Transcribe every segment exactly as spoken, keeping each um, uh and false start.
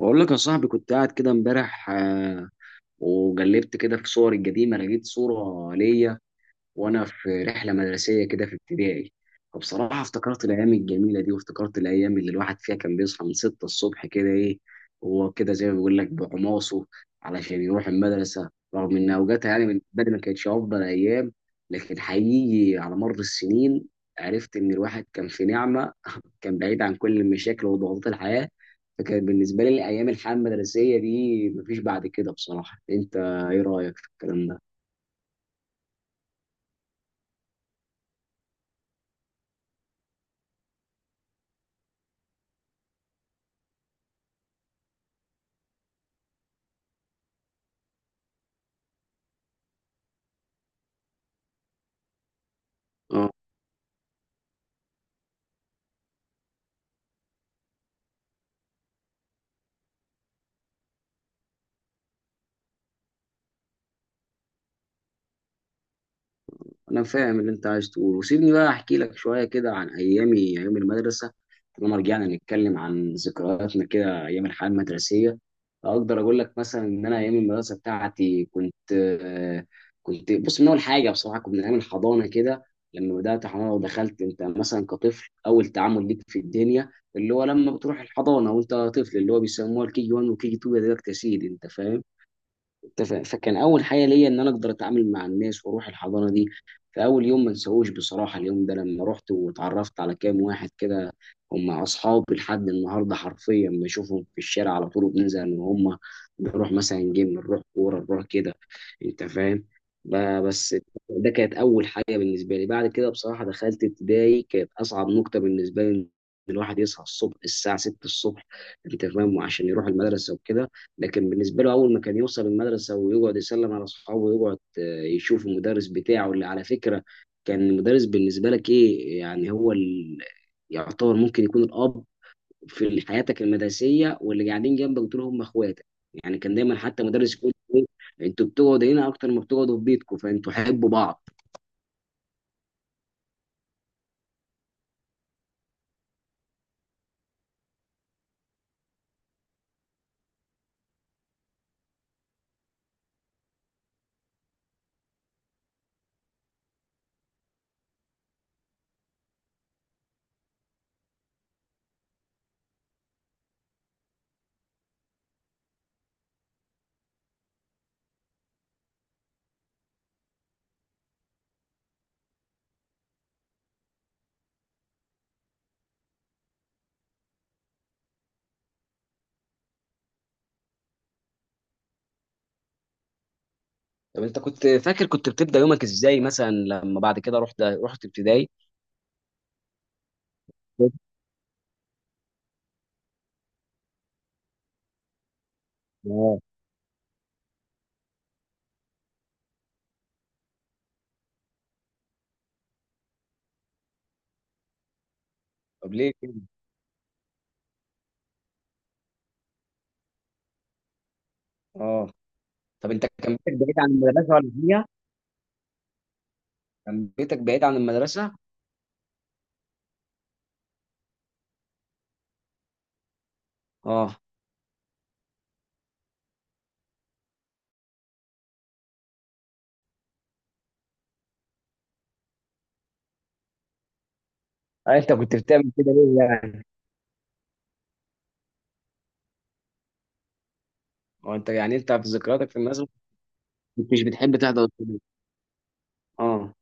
بقول لك يا صاحبي، كنت قاعد كده امبارح، آه، وجلبت كده في صوري القديمة. لقيت صورة ليا وانا في رحله مدرسيه كده في ابتدائي. فبصراحه افتكرت الايام الجميله دي، وافتكرت الايام اللي الواحد فيها كان بيصحى من ستة الصبح كده. ايه هو كده، زي ما بيقول لك، بحماسه، علشان يروح المدرسه. رغم ان اوقاتها، يعني من بدري، ما كانتش افضل ايام، لكن حقيقي على مر السنين عرفت ان الواحد كان في نعمه. كان بعيد عن كل المشاكل وضغوطات الحياه. فكان بالنسبه لي الايام، الحياه المدرسيه دي، مفيش بعد كده بصراحه. انت ايه رايك في الكلام ده؟ انا فاهم اللي انت عايز تقوله. وسيبني بقى احكي لك شويه كده عن ايامي، ايام المدرسه. لما رجعنا نتكلم عن ذكرياتنا كده، ايام الحياه المدرسيه، اقدر اقول لك مثلا ان انا ايام المدرسه بتاعتي كنت، آه، كنت بص، من اول حاجه بصراحه كنت من ايام الحضانه كده. لما بدات حضانه ودخلت انت مثلا كطفل، اول تعامل ليك في الدنيا، اللي هو لما بتروح الحضانه وانت طفل، اللي هو بيسموها الكي ون وكي اتنين، يا دلوقتي يا سيدي، انت فاهم. أنت فا- فكان اول حاجه ليا ان انا اقدر اتعامل مع الناس واروح الحضانه دي. فاول يوم ما انساهوش بصراحه، اليوم ده لما رحت واتعرفت على كام واحد كده، هم اصحابي لحد النهارده، حرفيا بشوفهم في الشارع على طول وبننزل، ان هم نروح مثلا جيم، نروح كوره، نروح كده. انت فاهم. ب- بس ده كانت اول حاجه بالنسبه لي. بعد كده بصراحه دخلت ابتدائي، كانت اصعب نقطه بالنسبه لي، إن الواحد يصحى الصبح الساعه ستة الصبح، انت فاهم، وعشان يروح المدرسه وكده. لكن بالنسبه له، اول ما كان يوصل المدرسه ويقعد يسلم على اصحابه، ويقعد آه، يشوف المدرس بتاعه، اللي على فكره كان المدرس بالنسبه لك ايه، يعني هو ال... يعتبر ممكن يكون الاب في حياتك المدرسيه، واللي قاعدين جنبك دول هم اخواتك. يعني كان دايما حتى مدرس يقول، إيه، انتوا بتقعدوا هنا اكتر ما بتقعدوا في بيتكم، فانتوا حبوا بعض. طب انت كنت فاكر كنت بتبدا يومك ازاي، مثلا لما بعد كده رحت رحت ابتدائي؟ اه. طب ليه كده؟ اه. طب انت كان بيتك بعيد عن المدرسه ولا هي؟ كان بيتك بعيد عن المدرسة؟ اه. آه، انت كنت بتعمل كده ليه يعني؟ هو انت، يعني انت في ذكرياتك في المدرسة مش بتحب تحضر الطابور؟ اه.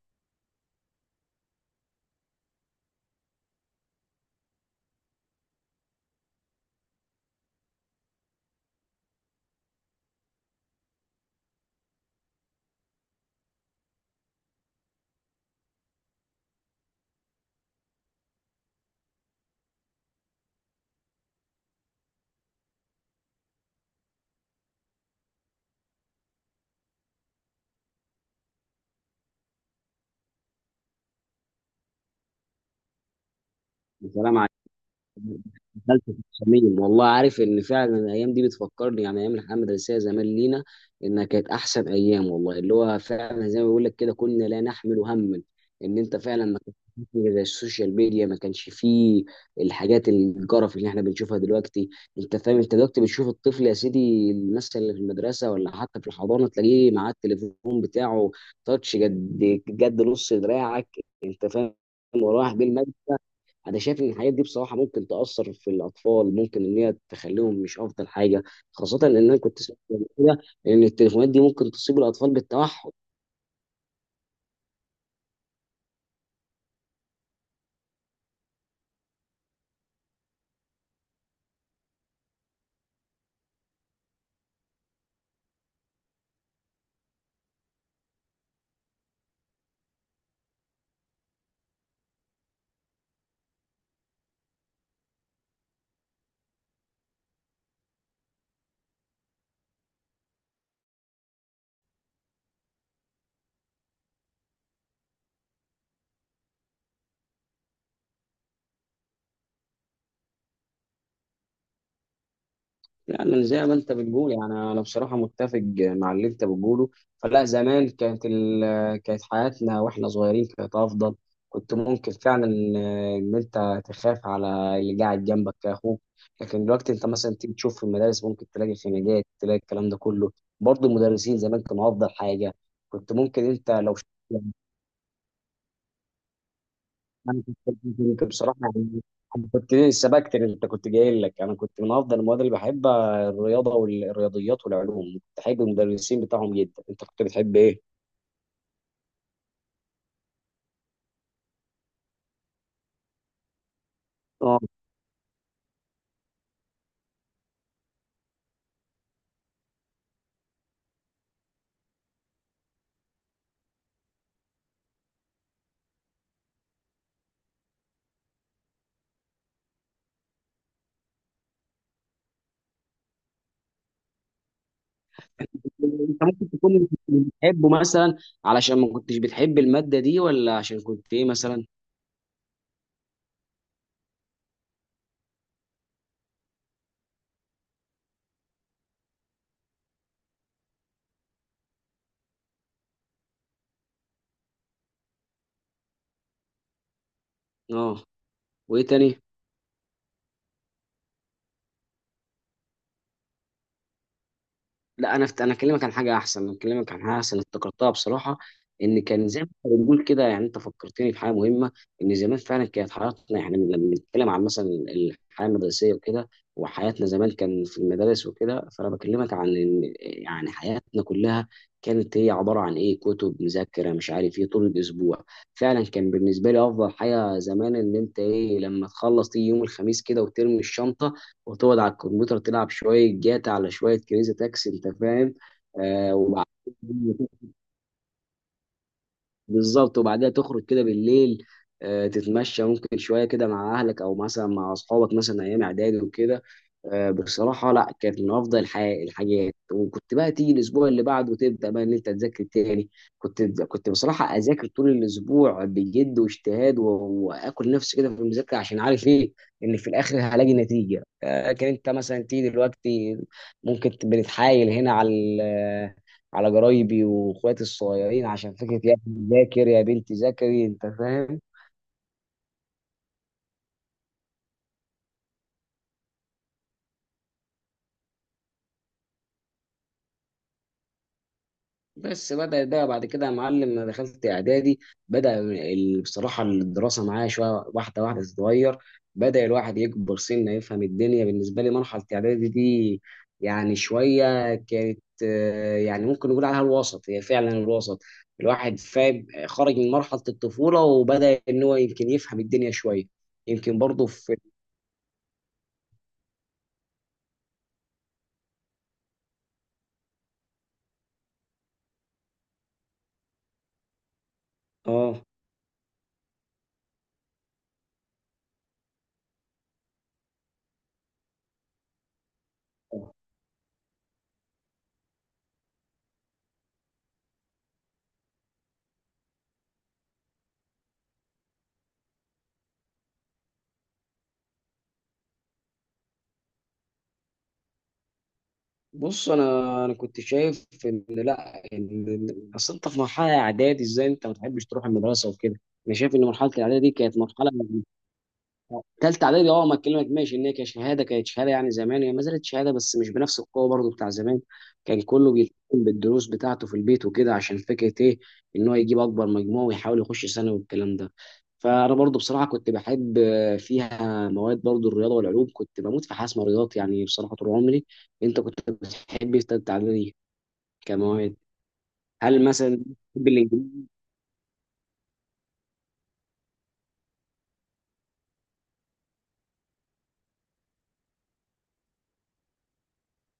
يا سلام، دخلت في الصميم والله. عارف ان فعلا الايام دي بتفكرني، يعني ايام الحياه المدرسيه زمان لينا، انها كانت احسن ايام والله، اللي هو فعلا زي ما بيقول لك كده، كنا لا نحمل هما. ان انت فعلا ما كانش فيه زي السوشيال ميديا، ما كانش فيه الحاجات الجرف اللي احنا بنشوفها دلوقتي. انت فاهم. انت دلوقتي بتشوف الطفل يا سيدي، الناس اللي في المدرسه ولا حتى في الحضانه، تلاقيه معاه التليفون بتاعه، تاتش قد قد نص دراعك. انت فاهم، وراح بالمجلس. انا شايف ان الحاجات دي بصراحه ممكن تاثر في الاطفال، ممكن ان هي تخليهم مش افضل حاجه. خاصه ان انا كنت سمعت قبل كده ان التليفونات دي ممكن تصيب الاطفال بالتوحد. يعني زي ما انت بتقول، يعني انا بصراحه متفق مع اللي انت بتقوله. فلا، زمان كانت ال... كانت حياتنا واحنا صغيرين كانت افضل. كنت ممكن فعلا ان انت تخاف على اللي قاعد جنبك كاخوك. لكن دلوقتي انت مثلا تيجي تشوف في المدارس، ممكن تلاقي خناقات، تلاقي الكلام ده كله. برضه المدرسين زمان كانوا افضل حاجه. كنت ممكن انت، لو انا كنت كنت بصراحه يعني، أنا كنت سبقت اللي انت كنت جاي لك. انا كنت من افضل المواد اللي بحبها الرياضه والرياضيات والعلوم، كنت بحب المدرسين بتاعهم جدا. انت كنت بتحب ايه؟ اه. انت ممكن تكون مش بتحبه مثلا علشان ما كنتش بتحب الماده دي، ولا عشان كنت ايه مثلا؟ اه. وايه تاني؟ لا، انا انا اكلمك عن حاجه احسن، انا اكلمك عن حاجه احسن افتكرتها بصراحه. ان كان زي ما إحنا بنقول كده، يعني انت فكرتني في حاجه مهمه. ان زمان فعلا كانت حياتنا احنا لما بنتكلم عن مثلا الحياه المدرسيه وكده، وحياتنا زمان كان في المدارس وكده، فانا بكلمك عن ان يعني حياتنا كلها كانت هي عباره عن ايه، كتب، مذاكره، مش عارف ايه، طول الاسبوع. فعلا كان بالنسبه لي افضل حاجه زمان ان انت ايه، لما تخلص تيجي يوم الخميس كده وترمي الشنطه، وتقعد على الكمبيوتر تلعب شوية جاتا على شوية كريزي تاكسي. أنت فاهم. آه وبعدين بالظبط، وبعدها تخرج كده بالليل، آه، تتمشى ممكن شويه كده مع اهلك او مثلا مع اصحابك، مثلا ايام اعدادي وكده. آه، بصراحه لا، كانت من افضل الح- الحاجات. وكنت بقى تيجي الاسبوع اللي بعده، تبدا بقى ان انت تذاكر تاني. كنت كنت بصراحه اذاكر طول الاسبوع بجد واجتهاد، و- واكل نفسي كده في المذاكره، عشان عارف ايه ان في الاخر هلاقي نتيجه. آه، لكن انت مثلا تيجي دلوقتي، ممكن بنتحايل هنا على على جرايبي واخواتي الصغيرين، عشان فكره يا ابني ذاكر، يا بنتي ذاكري، انت فاهم. بس بدا ده بعد كده يا معلم. انا دخلت اعدادي، بدا ال- بصراحه الدراسه معايا شويه واحده واحده تتغير. بدا الواحد يكبر سنه، يفهم الدنيا. بالنسبه لي مرحله اعدادي دي، يعني شويه كانت، آه، يعني ممكن نقول عليها الوسط، هي فعلا الوسط. الواحد فاهم، خرج من مرحله الطفوله وبدا ان هو يمكن يفهم الدنيا شويه. يمكن برضه في. اه. بص، انا انا كنت شايف ان ان إن- اصل انت في مرحله اعدادي ازاي انت ما تحبش تروح المدرسه وكده. انا شايف ان مرحله الاعدادي دي كانت مرحله. ثالثه اعدادي؟ اه. ما اكلمك، ماشي، ان هي كشهاده كانت شهاده، يعني زمان هي ما زالت شهاده بس مش بنفس القوه برضو بتاع زمان. كان كله بيلتزم بالدروس بتاعته في البيت وكده، عشان فكره ايه ان هو يجيب اكبر مجموع ويحاول يخش ثانوي والكلام ده. فانا برضو بصراحه كنت بحب فيها مواد، برضو الرياضه والعلوم، كنت بموت في حاجه اسمها رياضات، يعني بصراحه طول عمري. انت كنت بتحب تتعلم كمواد؟ هل مثلا بتحب الانجليزي؟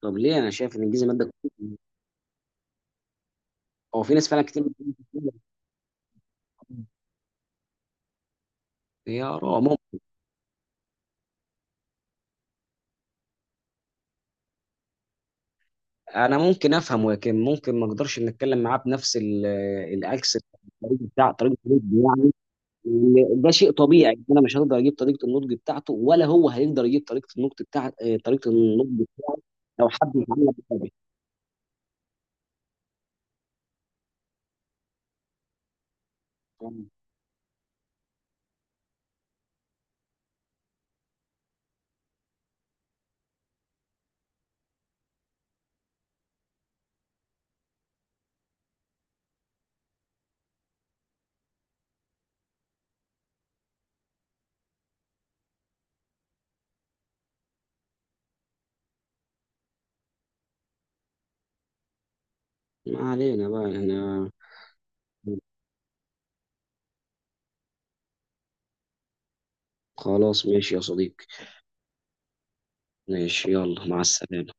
طب ليه؟ انا شايف ان الانجليزي ماده كويسة. هو في ناس فعلا كتير بتقول، يا آراء. مم- انا ممكن افهم، ولكن ممكن ما اقدرش ان اتكلم معاه بنفس ال- الاكس، الطريقه، بتاع طريقه النطق يعني. لأن ده شيء طبيعي، انا مش هقدر اجيب طريقه النطق بتاعته، ولا هو هيقدر يجيب طريقه النطق بتاع آه، طريقه النطق. لو حد اتعلم بالطبع. ما علينا بقى احنا. خلاص ماشي يا صديقي. ماشي، يلا مع السلامه.